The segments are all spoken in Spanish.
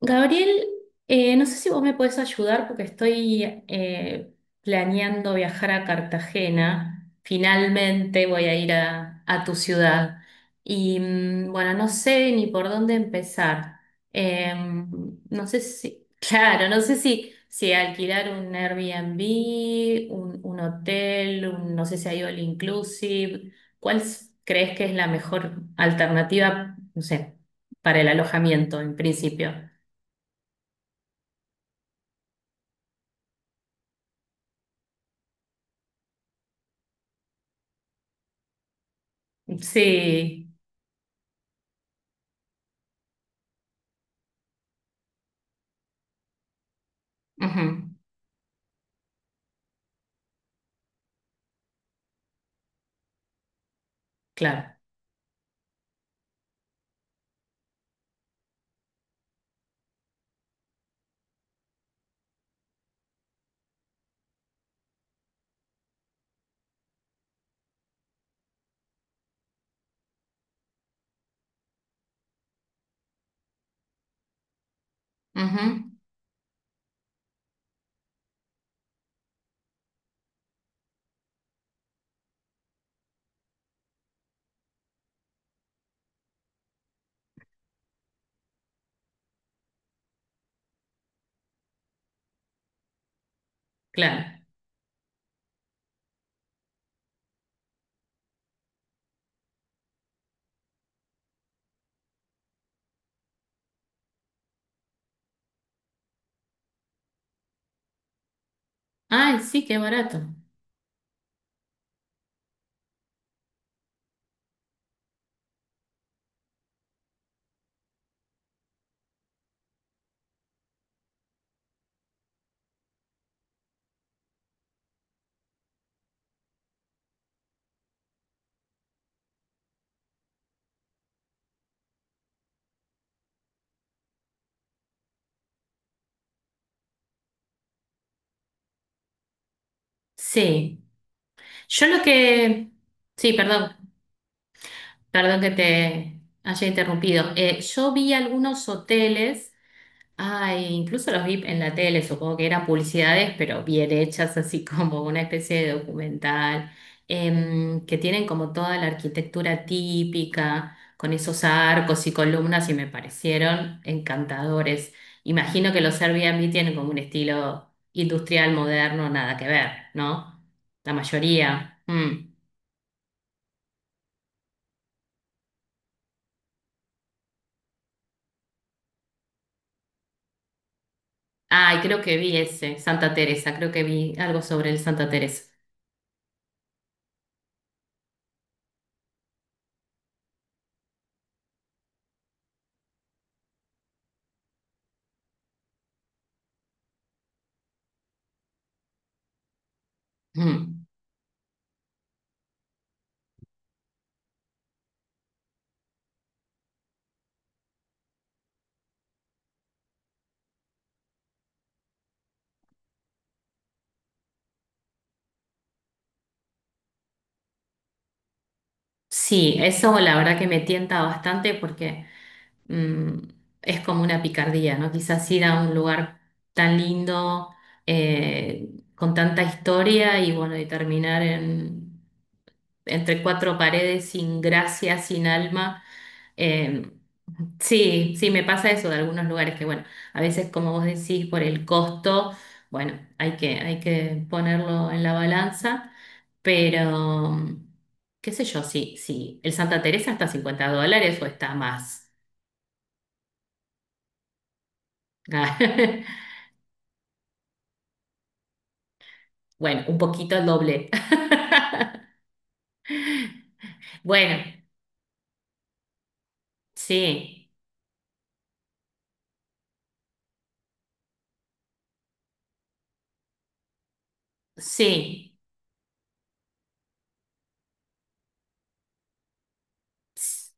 Gabriel, no sé si vos me puedes ayudar porque estoy planeando viajar a Cartagena. Finalmente voy a ir a tu ciudad. Bueno, no sé ni por dónde empezar. Eh, no sé si, claro, no sé si, si alquilar un Airbnb, un hotel, un- no sé si hay all inclusive. ¿Cuál s- crees que es la mejor alternativa, no sé, para el alojamiento en principio? Sí, ujú, claro, ujú, claro. Ay, sí, qué barato. Sí, yo lo que... Sí, perdón, perdón que te haya interrumpido. Yo vi algunos hoteles. Ay, incluso los vi en la tele, supongo que eran publicidades, pero bien hechas, así como una especie de documental, que tienen como toda la arquitectura típica, con esos arcos y columnas, y me parecieron encantadores. Imagino que los Airbnb tienen como un estilo industrial moderno, nada que ver, ¿no? La mayoría. Mm. Ay, creo que vi ese, Santa Teresa, creo que vi algo sobre el Santa Teresa. Mm. Sí, eso la verdad que me tienta bastante porque mm, es como una picardía, ¿no? Quizás ir a un lugar tan lindo, eh, con tanta historia y bueno, y terminar en, entre cuatro paredes sin gracia, sin alma. Eh, sí, sí, me pasa eso de algunos lugares que bueno, a veces como vos decís, por el costo, bueno, hay que ponerlo en la balanza, pero qué sé yo, si, si el Santa Teresa está a $50 o está más. Bueno, un poquito el doble. Bueno, sí, sí, s-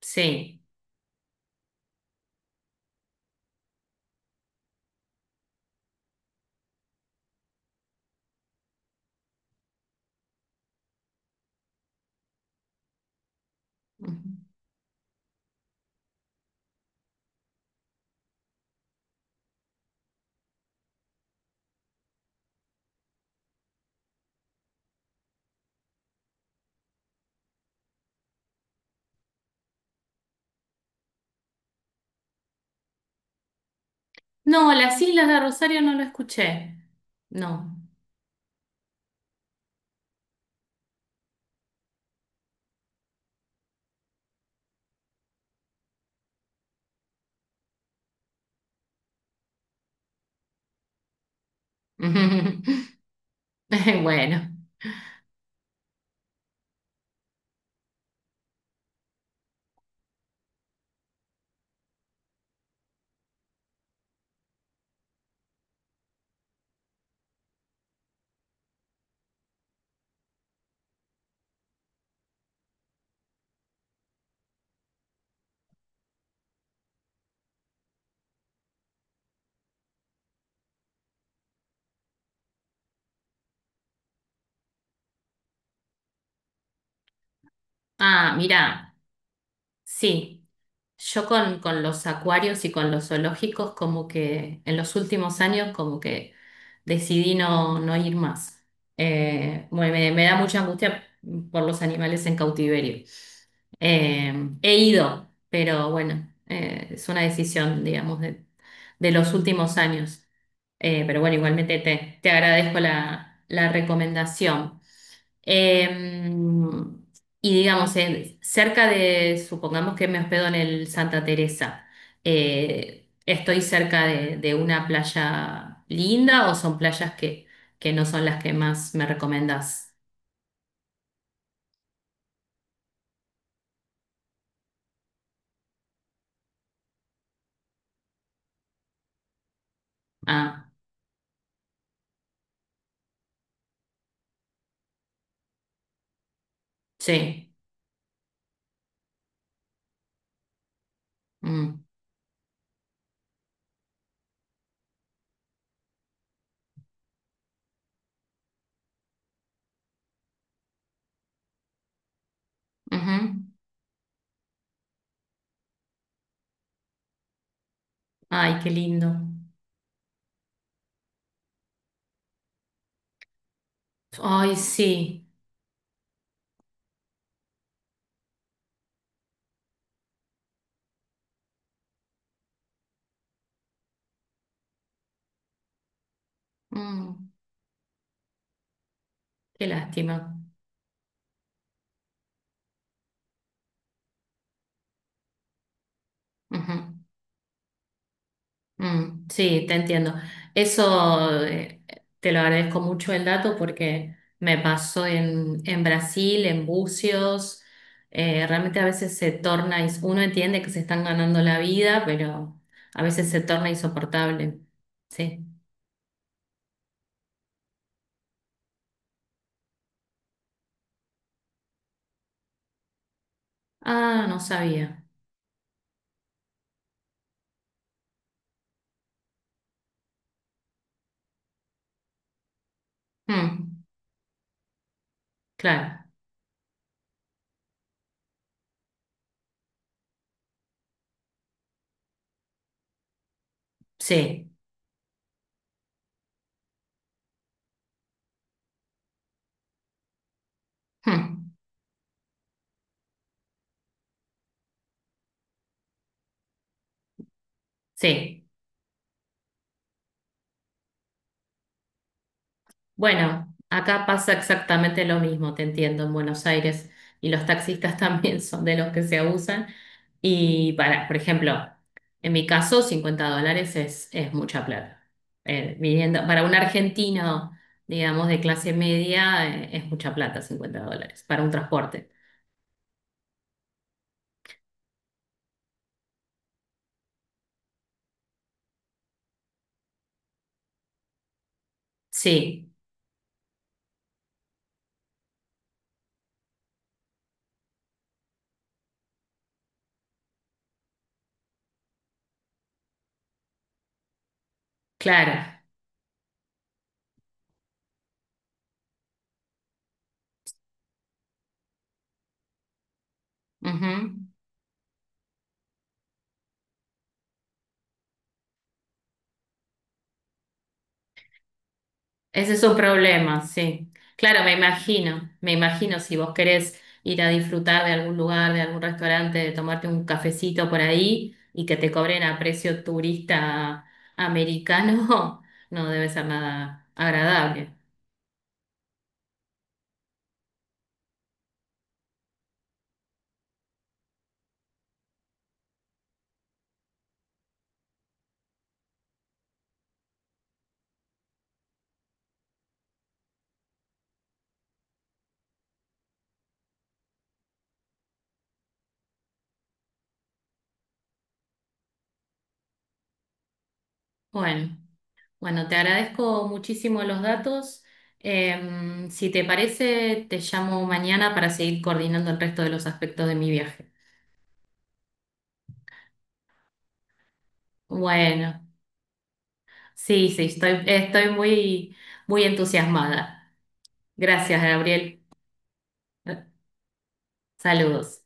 sí. Ujú. No, las Islas de Rosario no lo escuché. No. Bueno. Ah, mira. Sí, yo con los acuarios y con los zoológicos como que en los últimos años como que decidí no, no ir más. Bueno, me, me da mucha angustia por los animales en cautiverio. Eh, he ido, pero bueno, es una decisión, digamos, de los últimos años. Pero bueno, igualmente te, te agradezco la, la recomendación. Eh, y digamos, en- cerca de, supongamos que me hospedo en el Santa Teresa, ¿estoy cerca de una playa linda o son playas que no son las que más me recomendás? Ah, sí. Mm, ujú. Ay, qué lindo. Ay, sí. Mm, qué lástima. Ujú. Mm, sí, te entiendo. Eso te lo agradezco mucho el dato porque me pasó en Brasil, en Bucios. Realmente a veces se torna, ins- uno entiende que se están ganando la vida, pero a veces se torna insoportable. Sí. Ah, no sabía. Mm, claro, sí. Mm, sí. Bueno, acá pasa exactamente lo mismo, te entiendo, en Buenos Aires. Y los taxistas también son de los que se abusan. Y para, por ejemplo, en mi caso, $50 es mucha plata. Viniendo, para un argentino, digamos, de clase media, es mucha plata, $50, para un transporte. Sí, claro. Ujú. Ese es su problema, sí. Claro, me imagino si vos querés ir a disfrutar de algún lugar, de algún restaurante, de tomarte un cafecito por ahí y que te cobren a precio turista americano, no debe ser nada agradable. Bueno, bueno, te agradezco muchísimo los datos. Si te parece, te llamo mañana para seguir coordinando el resto de los aspectos de mi viaje. Bueno, sí, sí, estoy, estoy muy, muy entusiasmada. Gracias, Gabriel. Saludos.